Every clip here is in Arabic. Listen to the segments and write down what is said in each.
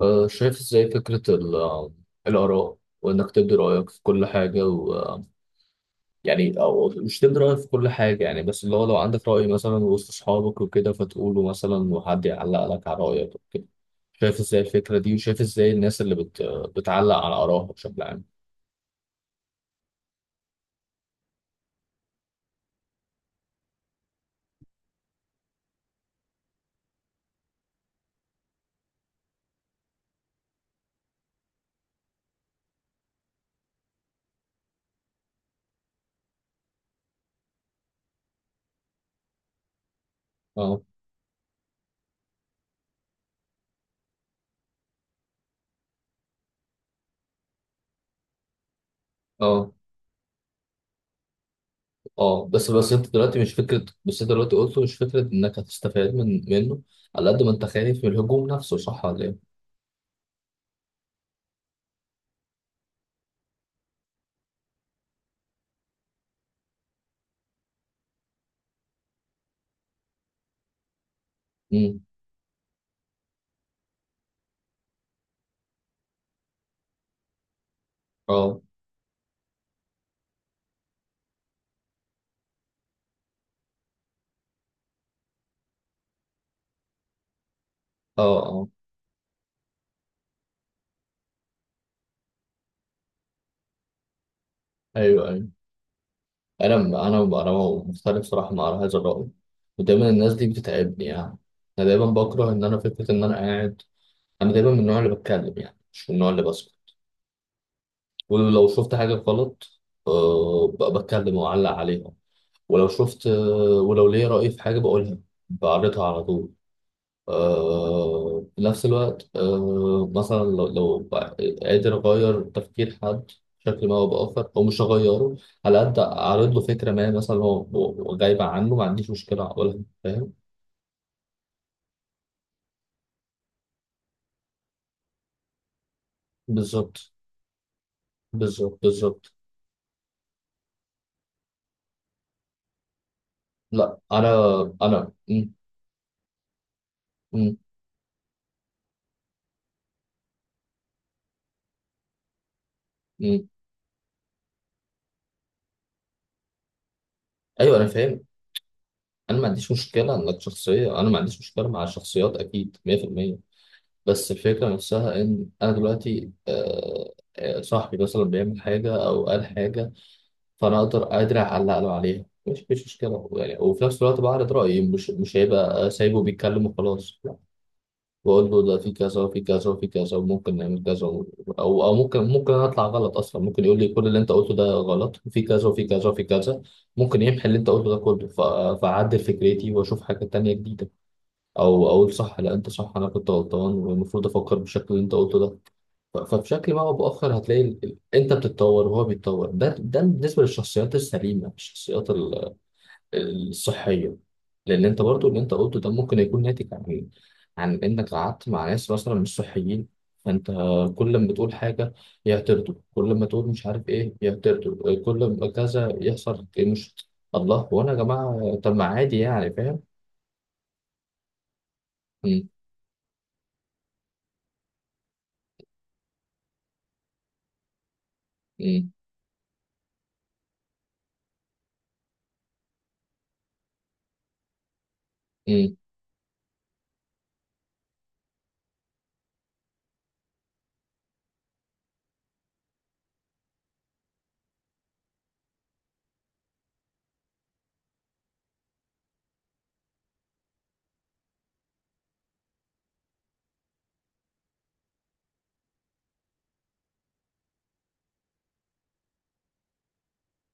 شايف ازاي فكرة الآراء وإنك تبدي رأيك في كل حاجة و آه، يعني أو مش تبدي رأيك في كل حاجة يعني بس اللي هو لو عندك رأي مثلا وسط أصحابك وكده فتقوله مثلا وحد يعلق لك على رأيك وكده شايف ازاي الفكرة دي وشايف ازاي الناس بتعلق على آرائها بشكل عام. اه اه اه بس انت دلوقتي مش فكرة، بس انت دلوقتي قلته مش فكرة انك هتستفاد منه، على قد ما انت خايف من الهجوم نفسه، صح ولا ايه؟ امم اه اه اه ايوه ايوه انا انا مختلف صراحه مع هذا الراي، ودايما الناس دي بتتعبني يعني. انا دايما بكره ان انا فكره ان انا قاعد، انا دايما من النوع اللي بتكلم يعني مش من النوع اللي بسكت. ولو شفت حاجه غلط بتكلم واعلق عليها، ولو شفت ولو ليا راي في حاجه بقولها، بعرضها على طول. في نفس الوقت مثلا لو قادر أغير تفكير حد بشكل ما أو بآخر، أو مش هغيره، على قد أعرض له فكرة ما، مثلا هو غايبة عنه، ما عنديش مشكلة أقولها، فاهم؟ بالظبط بالظبط بالظبط. لا أنا أنا مم. مم. مم. أيوه، أنا فاهم. أنا ما عنديش مشكلة إنك شخصية، أنا ما عنديش مشكلة مع الشخصيات، أكيد 100%. بس الفكرة نفسها إن أنا دلوقتي صاحبي مثلا بيعمل حاجة أو قال حاجة، فانا اقدر قادر اعلق له عليها، مش مشكله يعني، وفي نفس الوقت بعرض رايي، مش هيبقى سايبه بيتكلم وخلاص، لا. بقول له ده في كذا وفي كذا وفي كذا وممكن نعمل كذا او ممكن انا اطلع غلط اصلا، ممكن يقول لي كل اللي انت قلته ده غلط، وفي كذا وفي كذا وفي كذا. ممكن يمحي اللي انت قلته ده كله، فاعدل فكرتي واشوف حاجه تانية جديده، او اقول صح، لا انت صح، انا كنت غلطان، والمفروض افكر بالشكل اللي انت قلته ده. فبشكل ما او باخر هتلاقي انت بتتطور وهو بيتطور. ده بالنسبه للشخصيات السليمه، الشخصيات الصحيه، لان انت برضو اللي انت قلته ده ممكن يكون ناتج عن انك قعدت مع ناس مثلا مش صحيين، فانت كل ما تقول حاجه يعترضوا، كل ما تقول مش عارف ايه يعترضوا، كل ما كذا يحصل إيه، مش الله. وانا يا جماعه طب ما عادي يعني، فاهم؟ مم. مم. مم.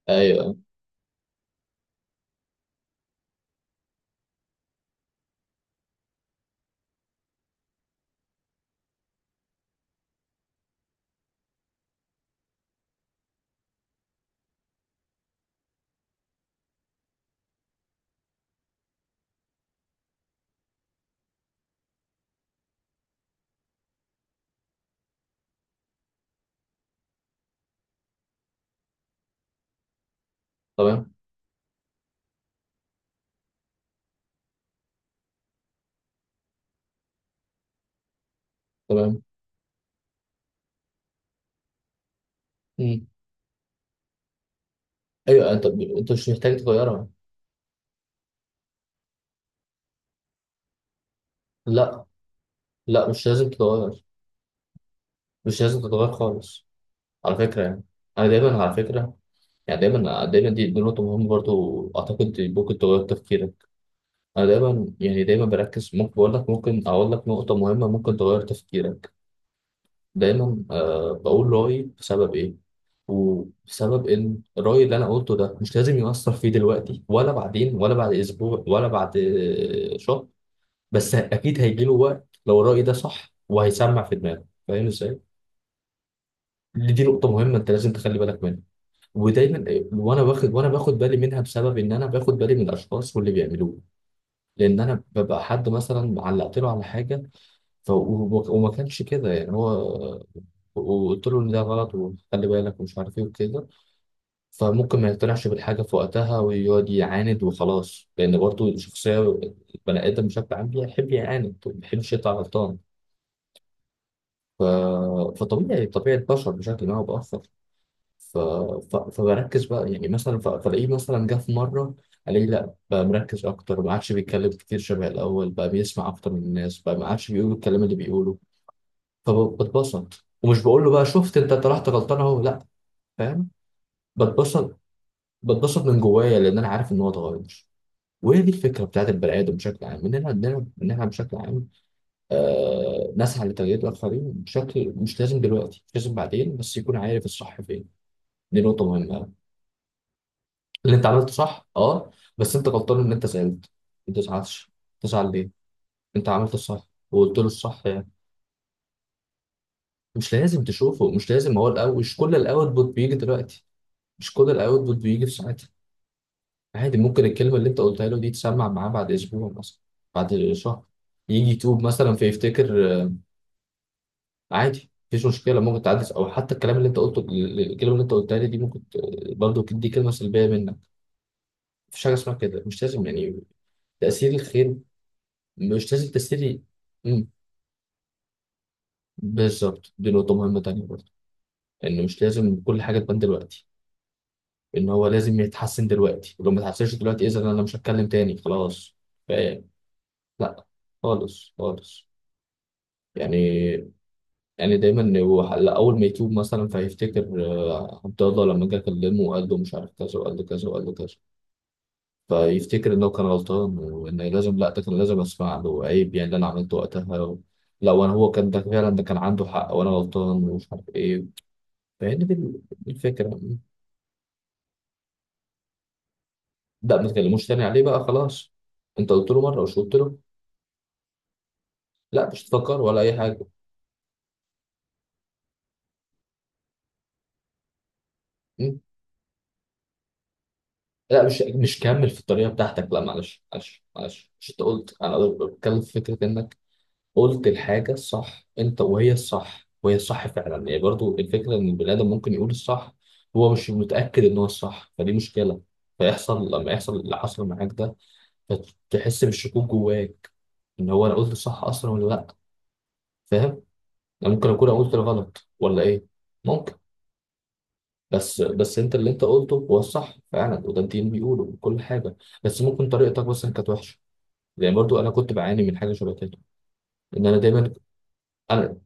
ايوه تمام تمام مم. ايوه. انت انت مش محتاج تغيرها. لا لا، مش لازم تتغير، مش لازم تتغير خالص، على فكرة يعني. أنا دايما على فكرة يعني دايما دايما، دي, دي نقطة مهمة برضو، أعتقد ممكن تغير تفكيرك. أنا دايما يعني دايما بركز، ممكن بقول لك، ممكن أقول لك نقطة مهمة ممكن تغير تفكيرك. دايما أه بقول رأيي بسبب إيه، وبسبب إن الرأي اللي أنا قلته ده مش لازم يؤثر فيه دلوقتي ولا بعدين ولا بعد أسبوع ولا بعد شهر، بس أكيد هيجيله وقت لو الرأي ده صح، وهيسمع في دماغه، فاهم إزاي؟ دي دي نقطة مهمة أنت لازم تخلي بالك منها ودايما. وأنا باخد، وأنا باخد بالي منها بسبب إن أنا باخد بالي من الأشخاص واللي بيعملوه، لأن أنا ببقى حد مثلا علقت له على حاجة وما كانش كده يعني هو، وقلت له إن ده غلط وخلي بالك ومش عارف إيه وكده، فممكن ما يقتنعش بالحاجة في وقتها ويقعد يعاند وخلاص، لأن برضه الشخصية، البني آدم بشكل عام بيحب يعاند وما بيحبش يطلع غلطان. ف... فطبيعي طبيعي البشر بشكل ما أو بآخر. ف... فبركز بقى يعني مثلا، فلاقيه مثلا جه في مرة الاقيه لا بقى مركز اكتر، ما عادش بيتكلم كتير شبه الاول، بقى بيسمع اكتر من الناس، بقى ما عادش بيقول الكلام اللي بيقوله. فبتبسط ومش بقول له بقى شفت انت طلعت غلطان اهو، لا، فاهم؟ بتبسط، بتبسط من جوايا لان انا عارف ان هو اتغير. وهي دي الفكره بتاعت البني ادم بشكل عام، ان احنا عندنا، ان احنا بشكل عام آه نسعى لتغيير الاخرين، بشكل مش لازم دلوقتي، مش لازم بعدين، بس يكون عارف الصح فين. دي نقطه مهمه. اللي انت عملته صح، اه، بس انت غلطان ان انت زعلت. ما تزعلش، تزعل ليه؟ انت عملت الصح وقلت له الصح يعني. مش لازم تشوفه، مش لازم هو الاول، مش كل الاوتبوت بيجي دلوقتي، مش كل الاوتبوت بيجي في ساعتها. عادي، ممكن الكلمه اللي انت قلتها له دي تسمع معاه بعد اسبوع مثلا، بعد شهر، يجي يتوب مثلا فيفتكر عادي، مفيش مشكله، ممكن تعدي. او حتى الكلام اللي انت قلته، الكلمه اللي انت قلتها لي دي، برضه دي كلمه سلبيه منك، مفيش حاجه اسمها كده، مش لازم يعني تاثير الخير، مش لازم تاثيري. بالظبط، دي نقطة مهمة تانية برضه، إن مش لازم كل حاجة تبان دلوقتي، إن هو لازم يتحسن دلوقتي، لو ما اتحسنش دلوقتي إذا أنا مش هتكلم تاني خلاص، فاهم؟ لا، خالص خالص يعني. يعني دايما هو لا، أول ما يتوب مثلا فيفتكر عبد الله لما جه كلمه وقال له مش عارف كذا وقال له كذا وقال له كذا، فيفتكر إنه كان غلطان، وإن لازم، لا، ده كان لازم أسمع له، عيب يعني اللي أنا عملته وقتها و... لا، وأنا هو كان، ده فعلا ده كان عنده حق وأنا غلطان ومش عارف إيه. فهي دي الفكرة. ده ما تكلموش تاني عليه بقى خلاص، انت قلت له مره، مش قلت له؟ لا، مش تفكر ولا اي حاجه. م? لا، مش مش كمل في الطريقه بتاعتك، لا معلش معلش معلش، مش انت قلت انا بتكلم في فكره انك قلت الحاجه الصح؟ انت وهي الصح، وهي الصح فعلا يعني. برضو الفكره ان البني ادم ممكن يقول الصح هو مش متاكد ان هو الصح، فدي مشكله، فيحصل لما يحصل اللي حصل معاك ده، تحس بالشكوك جواك ان هو انا قلت الصح اصلا ولا لا، فاهم؟ انا ممكن اكون قلت الغلط ولا ايه؟ ممكن. بس بس انت اللي انت قلته هو الصح فعلا، وده الدين بيقوله وكل حاجه، بس ممكن طريقتك بس كانت وحشه. يعني برضو انا كنت بعاني من حاجه شبه كده، ان انا دايما، انا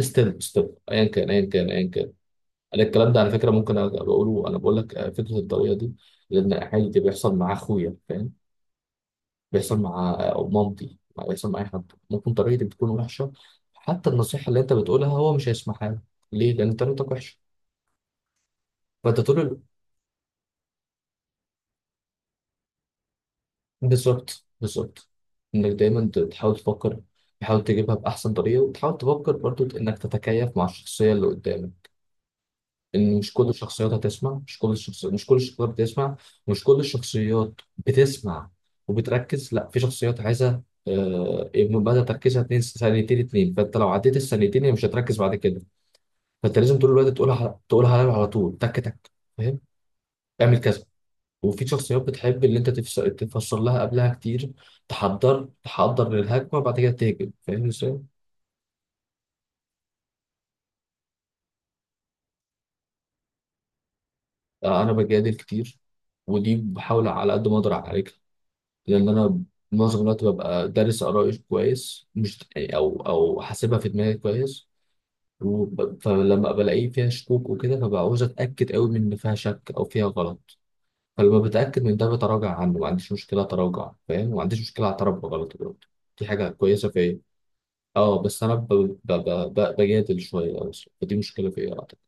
ستيل ستيل، ايا كان ايا كان ايا كان. انا الكلام ده على فكره ممكن أبقى بقوله، انا بقول لك فكره الطريقه دي، لان عادي بيحصل مع اخويا، فاهم؟ بيحصل مع مامتي، بيحصل مع اي حد، ممكن طريقتي بتكون وحشه. حتى النصيحه اللي انت بتقولها هو مش هيسمعها لك. ليه؟ لان طريقتك وحشه. فانت طول. بالظبط بالظبط، انك دايما تحاول تفكر، تحاول تجيبها باحسن طريقه، وتحاول تفكر برضو انك تتكيف مع الشخصيه اللي قدامك، ان مش كل الشخصيات هتسمع، مش كل الشخص، مش كل الشخصيات بتسمع، مش كل الشخصيات بتسمع وبتركز، لا، في شخصيات عايزه مدى تركيزها اتنين، ثانيتين اتنين، فانت لو عديت الثانيتين هي مش هتركز بعد كده. فانت لازم طول الوقت تقولها على على طول، تك تك، فاهم؟ اعمل كذا. وفي شخصيات بتحب اللي انت تفسر لها قبلها كتير، تحضر تحضر للهجمه، وبعد كده تهاجم، فاهم ازاي؟ انا بجادل كتير، ودي بحاول على قد ما اقدر اعالجها، لان انا معظم الوقت ببقى دارس ارائي كويس، مش او او حاسبها في دماغي كويس، فلما بلاقيه فيها شكوك وكده فبعوز اتاكد قوي من ان فيها شك او فيها غلط، فلما بتاكد من ده بتراجع عنه، ما عنديش مشكله اتراجع فاهم، ما عنديش مشكله اعترف بغلطي برضه، دي حاجه كويسه فيا. اه، بس انا بجادل شويه بس، فدي مشكله فيا.